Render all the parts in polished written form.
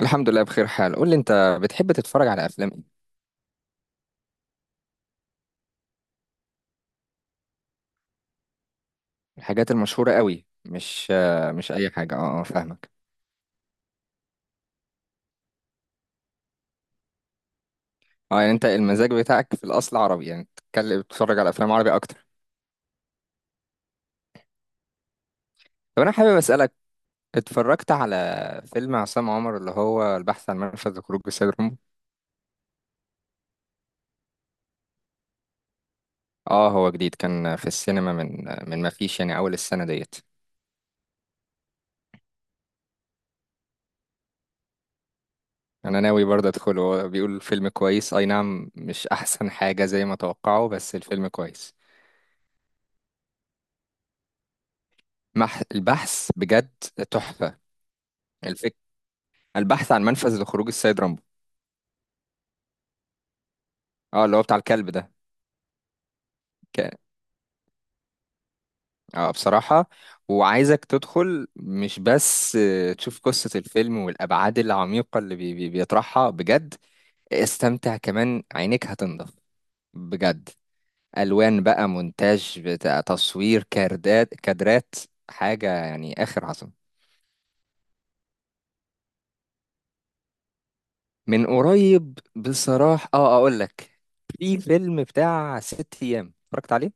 الحمد لله بخير حال، قول لي انت بتحب تتفرج على افلام ايه؟ الحاجات المشهورة قوي، مش اي حاجة. اه، اه، فاهمك. اه، يعني انت المزاج بتاعك في الاصل عربي، يعني بتتكلم بتتفرج على افلام عربي اكتر؟ طب انا حابب اسالك، اتفرجت على فيلم عصام عمر اللي هو البحث عن منفذ لخروج السيد رامبو؟ اه، هو جديد، كان في السينما من ما فيش يعني اول السنة ديت. انا ناوي برضه ادخله، هو بيقول فيلم كويس، اي نعم مش احسن حاجة زي ما توقعوا، بس الفيلم كويس. البحث بجد تحفة. الفكرة، البحث عن منفذ لخروج السيد رامبو. اه، اللي هو بتاع الكلب ده. ك... اه، بصراحة، وعايزك تدخل مش بس تشوف قصة الفيلم والأبعاد العميقة اللي بيطرحها بجد. استمتع كمان، عينيك هتنضف بجد. ألوان بقى، مونتاج بتاع تصوير، كادرات كادرات، حاجة يعني آخر عظمة. من قريب بصراحة أقول لك، في فيلم بتاع ست أيام اتفرجت عليه.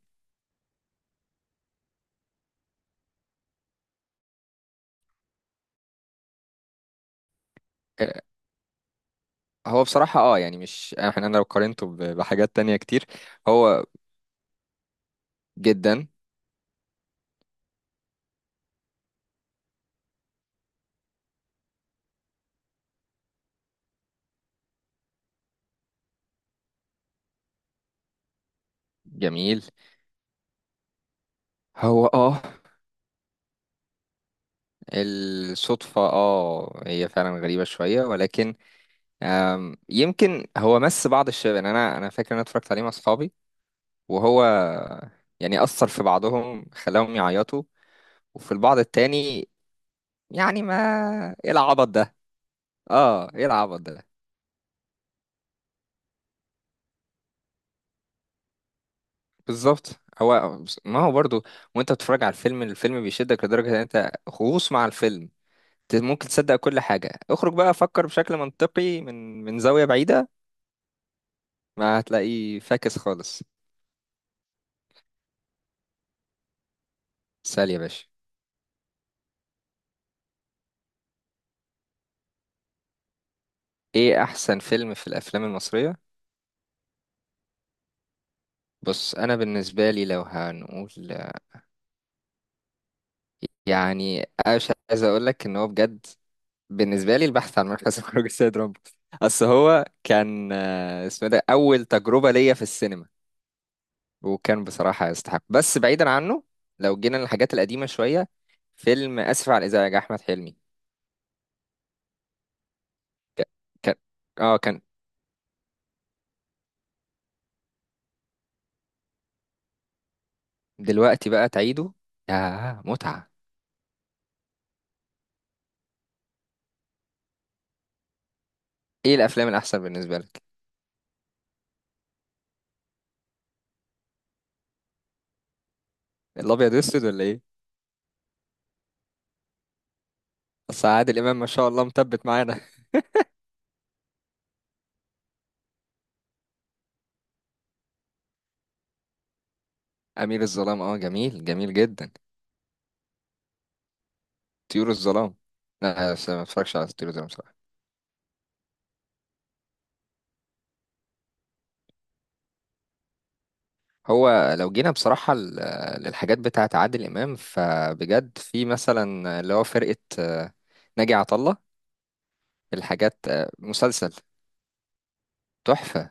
هو بصراحة يعني، مش احنا، انا لو قارنته بحاجات تانية كتير. هو جدا جميل. هو اه الصدفة هي فعلا غريبة شوية، ولكن يمكن هو مس بعض الشباب، يعني انا فاكر ان انا اتفرجت عليه مع اصحابي وهو يعني اثر في بعضهم خلاهم يعيطوا، وفي البعض التاني يعني ما. ايه العبط ده؟ اه، ايه العبط ده؟ بالظبط. هو ما هو برضو، وانت بتتفرج على الفيلم، الفيلم بيشدك لدرجة ان انت غوص مع الفيلم، ممكن تصدق كل حاجة. اخرج بقى فكر بشكل منطقي من زاوية بعيدة، ما هتلاقيه فاكس خالص. سأل يا باشا، ايه احسن فيلم في الافلام المصرية؟ بص انا بالنسبة لي لو هنقول، يعني مش عايز اقول لك ان هو بجد بالنسبة لي البحث عن مركز خروج السيد رامبو. اصل هو كان اسمه إيه ده اول تجربة ليا في السينما، وكان بصراحة يستحق، بس بعيدا عنه، لو جينا للحاجات القديمة شوية، فيلم اسف على الازعاج احمد حلمي. ك- كان اه كان دلوقتي بقى تعيده، ياه متعة. ايه الافلام الاحسن بالنسبة لك؟ الابيض والاسود ولا ايه؟ اصل عادل امام ما شاء الله مثبت معانا. امير الظلام، اه جميل جميل جدا. طيور الظلام. لا بس أنا ما اتفرجش على طيور الظلام صراحة. هو لو جينا بصراحة للحاجات بتاعة عادل امام، فبجد في مثلا اللي هو فرقة ناجي عطا الله، الحاجات مسلسل تحفة.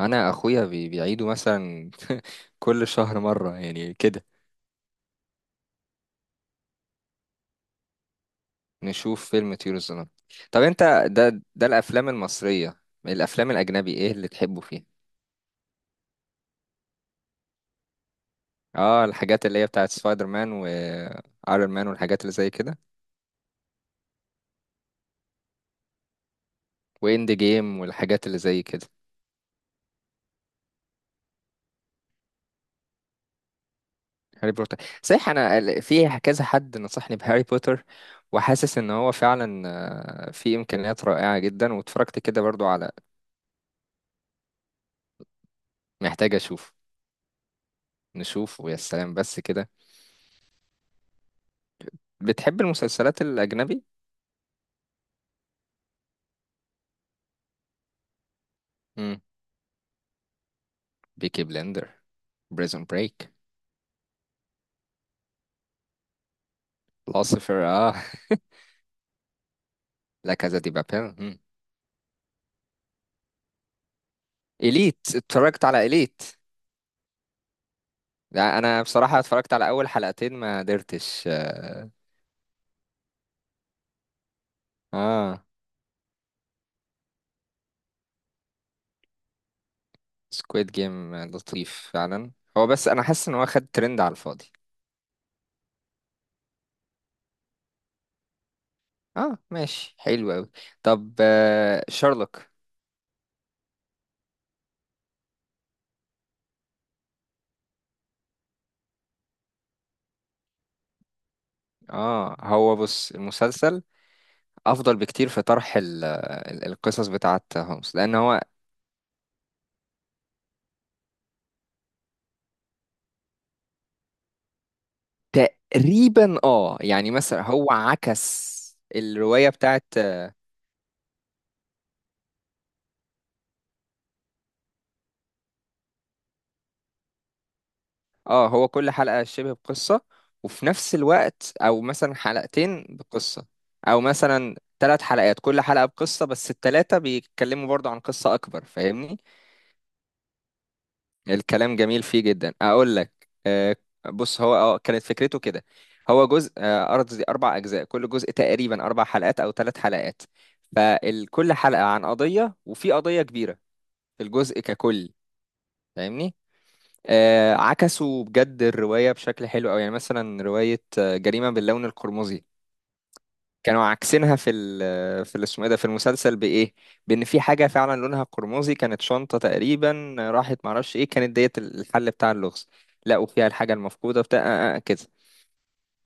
انا اخويا بيعيده مثلا كل شهر مرة يعني كده. نشوف فيلم طيور الظلام. طب انت ده، ده الافلام المصرية، الافلام الاجنبي ايه اللي تحبه فيها؟ اه، الحاجات اللي هي بتاعت سبايدر مان وايرون مان والحاجات اللي زي كده، واند جيم والحاجات اللي زي كده. هاري بوتر، صحيح انا في كذا حد نصحني بهاري بوتر، وحاسس ان هو فعلا في امكانيات رائعة جدا، واتفرجت كده برضو على، محتاج اشوف، نشوف ويا سلام بس كده. بتحب المسلسلات الاجنبي؟ امم. بيكي بلندر، بريزون بريك، العاصفر، اه لا كازا دي بابيل، إليت، اتفرجت على إليت. لا أنا بصراحة اتفرجت على أول حلقتين، ما قدرتش. آه. سكويد جيم لطيف فعلا، هو بس أنا حاسس إن هو خد ترند على الفاضي. اه ماشي حلو أوي. طب شارلوك؟ اه هو بص، المسلسل أفضل بكتير في طرح القصص بتاعة هومس، لأن هو تقريبا يعني مثلا هو عكس الرواية بتاعة. اه، هو كل حلقة شبه بقصة، وفي نفس الوقت او مثلا حلقتين بقصة، او مثلا ثلاث حلقات كل حلقة بقصة بس الثلاثة بيتكلموا برضو عن قصة اكبر، فاهمني؟ الكلام جميل فيه جدا، اقول لك بص، هو كانت فكرته كده. هو جزء ارض دي اربع اجزاء، كل جزء تقريبا اربع حلقات او ثلاث حلقات، فكل حلقة عن قضية وفي قضية كبيرة في الجزء ككل، فاهمني؟ عكسوا بجد الرواية بشكل حلو أوي، يعني مثلا رواية جريمة باللون القرمزي، كانوا عاكسينها، اسمه ايه ده، في المسلسل بإيه؟ بإن في حاجة فعلا لونها قرمزي، كانت شنطة تقريبا راحت معرفش إيه كانت ديت الحل بتاع اللغز، لقوا فيها الحاجة المفقودة بتاع كده.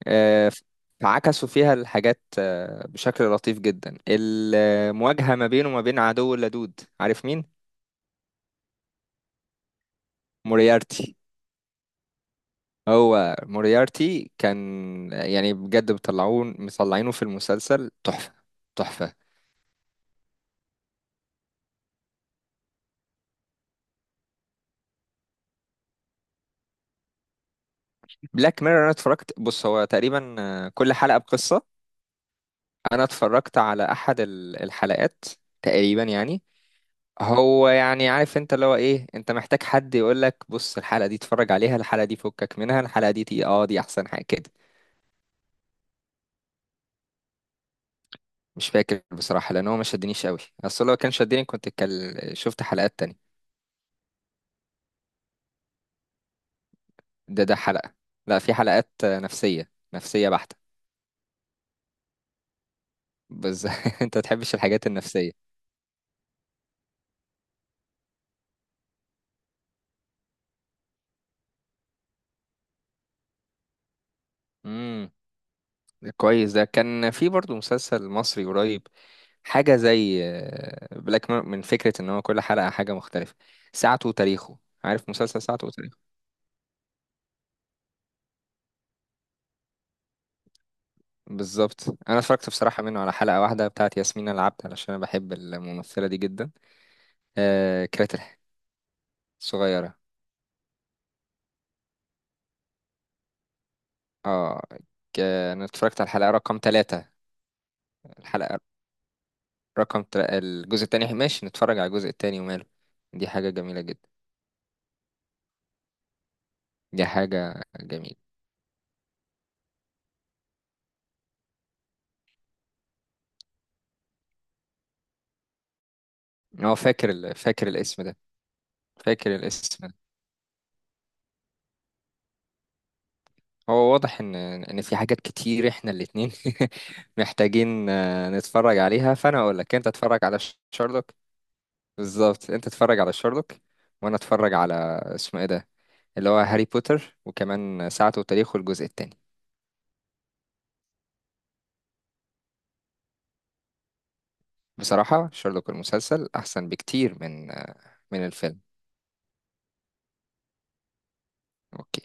آه، فعكسوا فيها الحاجات بشكل لطيف جدا، المواجهة ما بينه وما بين عدو اللدود، عارف مين؟ موريارتي. هو موريارتي كان يعني بجد بيطلعون مطلعينه في المسلسل تحفة، تحفة. بلاك ميرور، انا اتفرجت، بص هو تقريبا كل حلقة بقصة. انا اتفرجت على احد الحلقات تقريبا يعني. هو يعني عارف انت اللي هو ايه، انت محتاج حد يقول لك بص الحلقة دي اتفرج عليها، الحلقة دي فكك منها، الحلقة دي تي اه دي احسن حاجة كده. مش فاكر بصراحة لان هو ما شدنيش قوي، اصل لو كان شدني كنت شفت حلقات تانية. ده، ده حلقة، لا في حلقات نفسية نفسية بحتة. بس انت تحبش الحاجات النفسية. امم. كويس ده كان في برضو مسلسل مصري قريب، حاجة زي بلاك، من فكرة ان هو كل حلقة حاجة مختلفة. ساعته وتاريخه، عارف مسلسل ساعته وتاريخه؟ بالظبط، انا اتفرجت بصراحة منه على حلقة واحدة بتاعت ياسمين العبد علشان انا بحب الممثلة دي جدا. آه كانت الح- صغيرة. اه ك- انا اتفرجت على الحلقة رقم 3. الحلقة الجزء التاني ماشي، نتفرج على الجزء التاني وماله. دي حاجة جميلة جدا، دي حاجة جميلة. هو فاكر الاسم ده، فاكر الاسم ده. هو واضح ان في حاجات كتير احنا الاتنين محتاجين نتفرج عليها، فانا اقول لك انت اتفرج على شارلوك. بالظبط انت اتفرج على شارلوك، وانا اتفرج على، اسمه ايه ده، اللي هو هاري بوتر، وكمان ساعته وتاريخه الجزء الثاني. بصراحة شارلوك المسلسل احسن بكتير من الفيلم. اوكي.